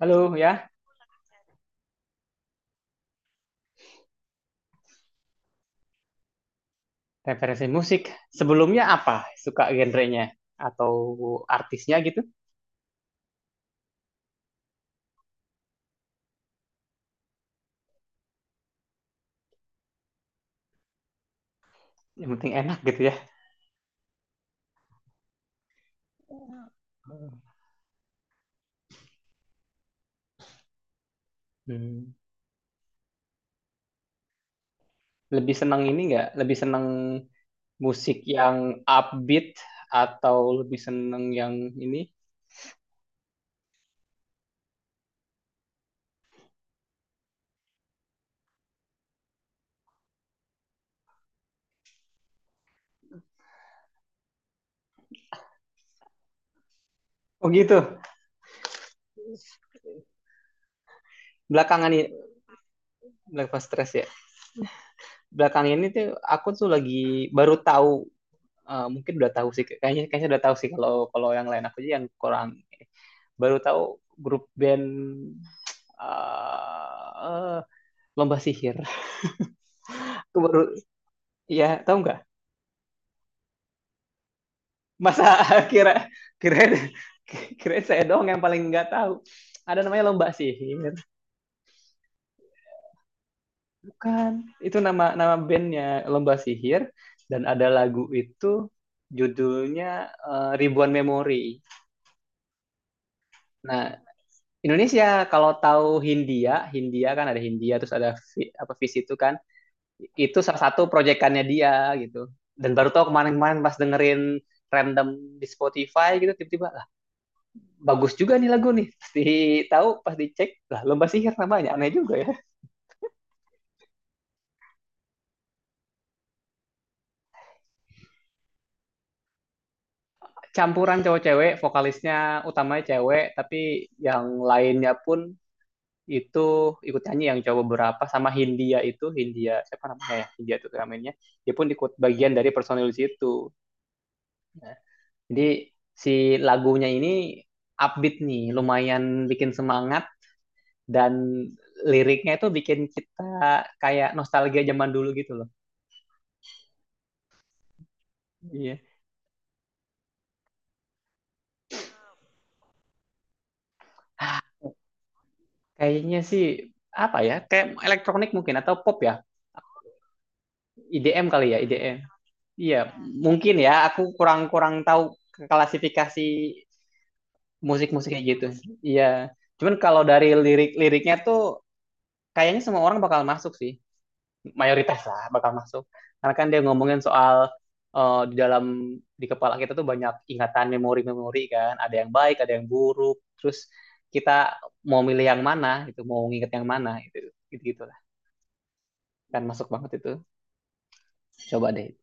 Halo ya, referensi musik. Sebelumnya apa? Suka genrenya atau artisnya gitu? Yang penting enak gitu ya. Hmm. Lebih senang ini nggak? Lebih senang musik yang upbeat atau lebih senang yang ini? Oh gitu. Belakangan ini, belakang pas stres ya. Belakang ini tuh aku tuh lagi baru tahu, eh, mungkin udah tahu sih. Kayaknya kayaknya udah tahu sih kalau kalau yang lain aku aja yang kurang baru tahu grup band eh, lomba sihir. Aku baru ya tahu nggak? Masa kira kira kira saya doang yang paling nggak tahu. Ada namanya lomba sihir, bukan? Itu nama nama bandnya lomba sihir dan ada lagu itu judulnya eh, Ribuan Memori. Nah, Indonesia kalau tahu Hindia, Hindia kan ada Hindia terus ada apa Vis itu kan itu salah satu proyekannya dia gitu dan baru tau kemarin-kemarin pas dengerin random di Spotify gitu tiba-tiba lah bagus juga nih lagu nih pasti tahu pas dicek lah lomba sihir namanya aneh juga ya. Campuran cowok cewek vokalisnya utamanya cewek tapi yang lainnya pun itu ikut nyanyi yang cowok berapa sama Hindia itu Hindia siapa namanya ya Hindia itu namanya dia pun ikut bagian dari personil situ. Nah, jadi si lagunya ini upbeat nih lumayan bikin semangat dan liriknya itu bikin kita kayak nostalgia zaman dulu gitu loh. Iya. Ah, kayaknya sih apa ya? Kayak elektronik mungkin atau pop ya? IDM kali ya, IDM. Iya, mungkin ya. Aku kurang-kurang tahu klasifikasi musik musiknya gitu. Iya. Cuman kalau dari lirik-liriknya tuh kayaknya semua orang bakal masuk sih, mayoritas lah bakal masuk. Karena kan dia ngomongin soal eh, di dalam di kepala kita tuh banyak ingatan memori-memori kan, ada yang baik, ada yang buruk. Terus kita mau milih yang mana gitu, mau nginget yang mana gitu, gitu gitulah. Kan masuk banget itu. Coba deh.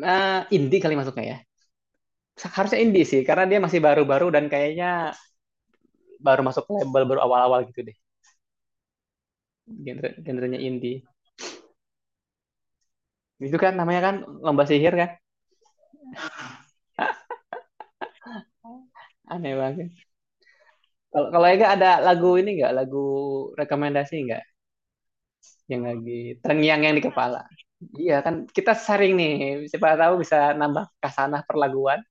Nah, indie kali masuknya ya. Harusnya indie sih, karena dia masih baru-baru dan kayaknya baru masuk label baru awal-awal gitu deh. Genrenya indie. Itu kan namanya kan lomba sihir kan. Aneh banget. Kalau kalau Ega ada lagu ini nggak, lagu rekomendasi nggak yang lagi terngiang yang di kepala? Iya kan kita sharing nih, siapa tahu bisa nambah kasanah perlaguan.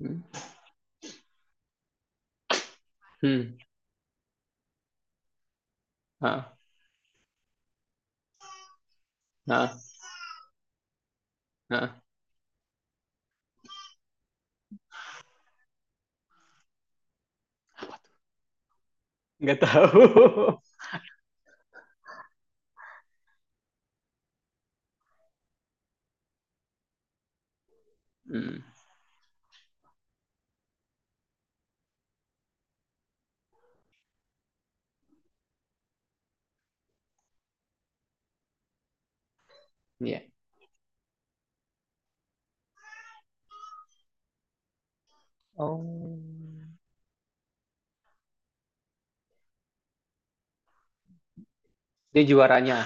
Hmm, hmm. Heeh. Heeh. Heeh. Nggak tahu. Hmm, iya. Oh, dia juaranya.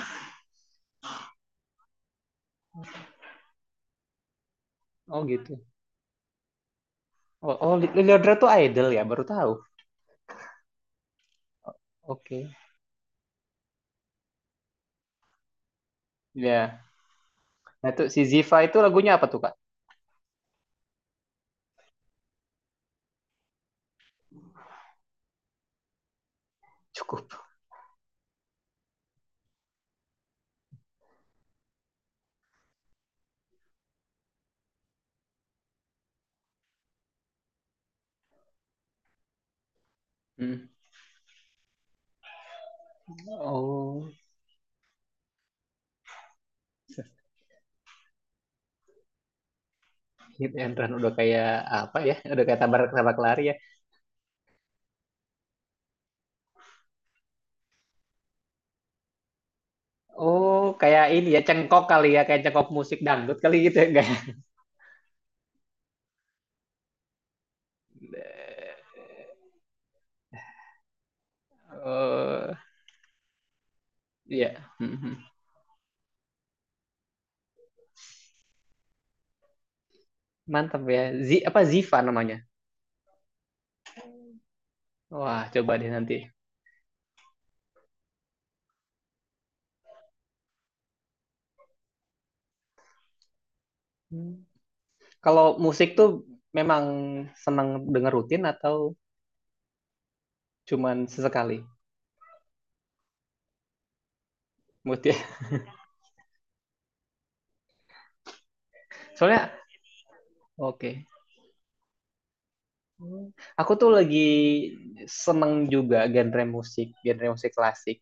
Oh gitu. Oh, oh Leodra tuh idol ya, baru tahu. Oke. Iya. Nah tuh si Ziva itu lagunya apa tuh Kak? Cukup. Hmm. Oh. Hit and run udah kayak apa ya? Udah kayak tabrak-tabrak lari ya. Oh, kayak ini ya cengkok kali ya, kayak cengkok musik dangdut kali gitu ya, enggak, ya? Oh, iya. Mhm. Mantap ya. Z apa Ziva namanya? Wah, coba deh nanti. Hmm. Kalau musik tuh memang senang denger rutin atau cuman sesekali? Mood ya. Soalnya oke. Hmm. Aku tuh lagi seneng juga genre musik klasik.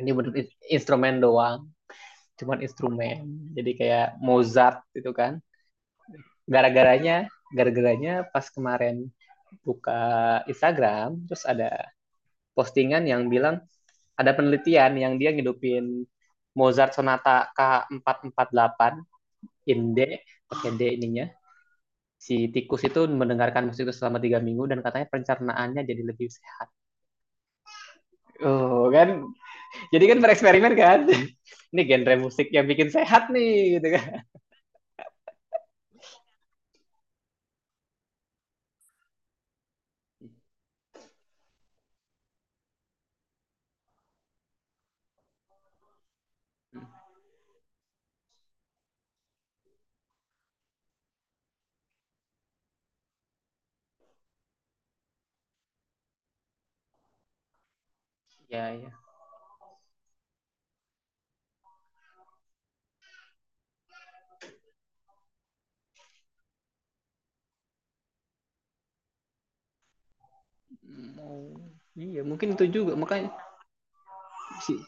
Ini bener instrumen doang cuman instrumen jadi kayak Mozart gitu kan. Gara-garanya gara-garanya pas kemarin buka Instagram terus ada postingan yang bilang ada penelitian yang dia ngidupin Mozart sonata K448 in D pakai D ininya si tikus itu mendengarkan musik itu selama 3 minggu dan katanya pencernaannya jadi lebih sehat. Oh kan, jadi kan bereksperimen kan? Ini genre musik yang bikin sehat nih, gitu kan? Ya, ya. Mau iya mungkin itu juga makanya sih.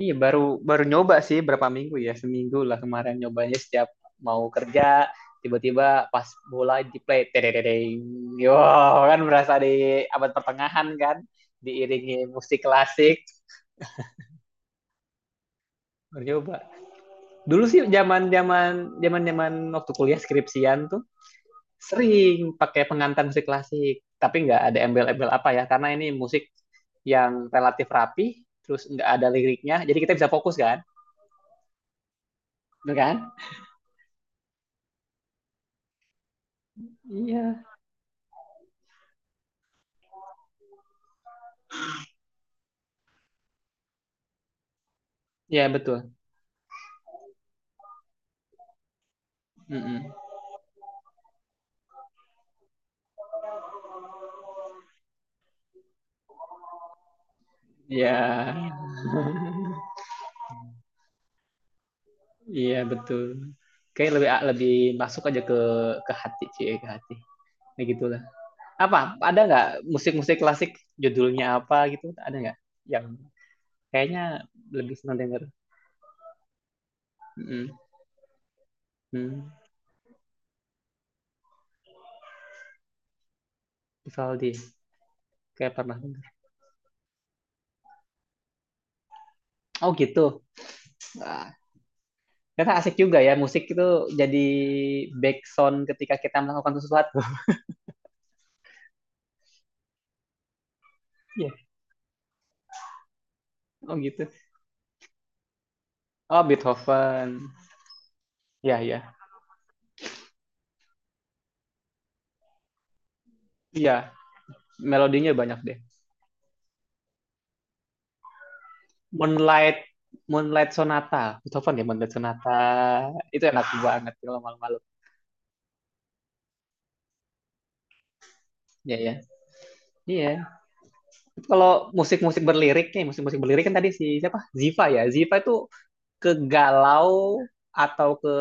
Iya baru baru nyoba sih berapa minggu ya seminggu lah kemarin nyobanya setiap mau kerja tiba-tiba pas bola di play tedededeng yo kan berasa di abad pertengahan kan diiringi musik klasik baru nyoba. Dulu sih zaman zaman zaman zaman waktu kuliah skripsian tuh sering pakai pengantar musik klasik, tapi nggak ada embel-embel apa ya, karena ini musik yang relatif rapi, terus nggak ada liriknya, jadi kita bisa fokus kan, bener kan? Iya, iya betul. Mm-mm. Iya, iya betul. Kayak lebih masuk aja ke hati, cie ke hati, kayak gitulah. Apa ada nggak musik-musik klasik judulnya apa gitu? Ada nggak yang kayaknya lebih senang denger? Mm-mm. Hmm. Vivaldi, kayak pernah. Oh gitu. Wah, ternyata asik juga ya musik itu jadi background ketika kita melakukan sesuatu. Iya. Oh gitu. Oh Beethoven. Iya iya. Iya. Melodinya banyak deh. Moonlight Moonlight Sonata. Beethoven ya Moonlight Sonata. Itu enak banget kalau malam-malam. Iya ya. Iya. Kalau musik-musik berlirik nih, musik-musik berlirik kan tadi si siapa? Ziva ya. Ziva itu ke galau atau ke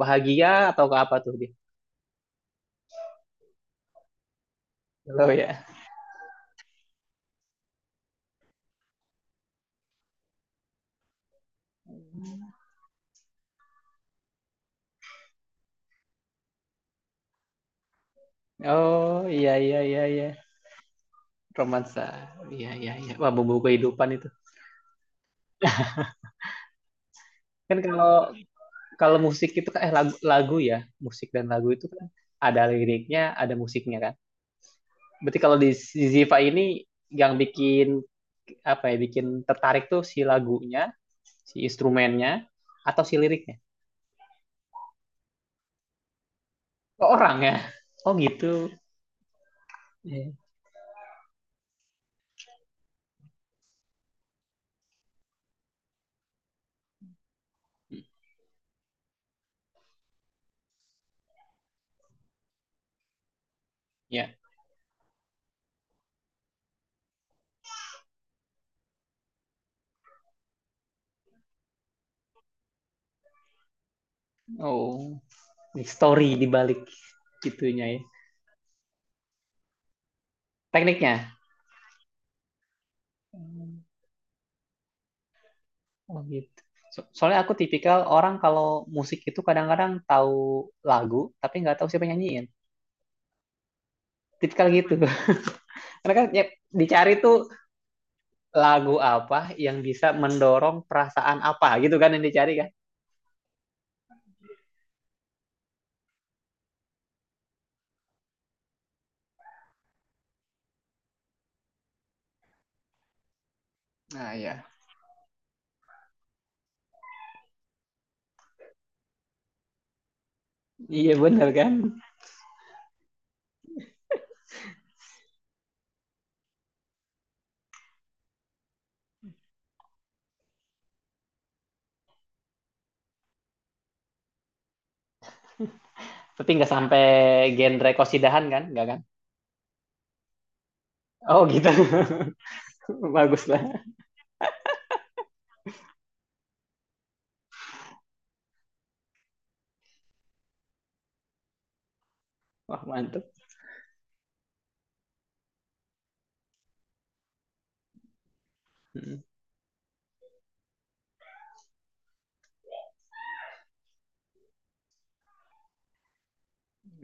bahagia atau ke apa tuh dia? Galau ya. Oh iya iya iya iya. Romansa. Iya iya iya. Wah, bumbu kehidupan itu. Kan kalau kalau musik itu kan eh lagu, lagu ya, musik dan lagu itu kan ada liriknya, ada musiknya kan. Berarti kalau di si Ziva ini yang bikin apa ya, bikin tertarik tuh si lagunya, si instrumennya atau si liriknya? Oh, orang ya. Oh gitu. Iya. Ya. Oh, story di balik gitunya ya. Tekniknya. Oh gitu. Soalnya aku tipikal orang kalau musik itu kadang-kadang tahu lagu tapi nggak tahu siapa nyanyiin. Tipikal gitu. Karena kan ya, dicari tuh lagu apa yang bisa mendorong perasaan apa gitu kan yang dicari kan. Nah, ya. Iya bener kan. Tapi nggak sampai genre kosidahan kan, nggak kan? Oh gitu. Bagus lah. Wah mantep. Hmm,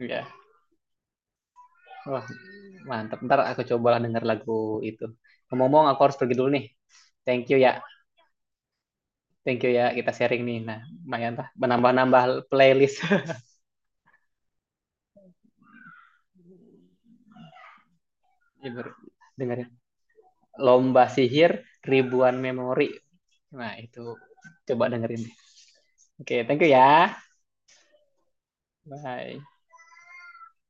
iya. Wah mantep. Ntar aku cobalah denger lagu itu. Ngomong-ngomong aku harus pergi dulu nih. Thank you ya. Thank you ya, kita sharing nih. Nah, lumayan lah menambah-nambah playlist dengerin lomba sihir ribuan memori. Nah, itu coba dengerin. Oke, okay, thank you ya. Bye.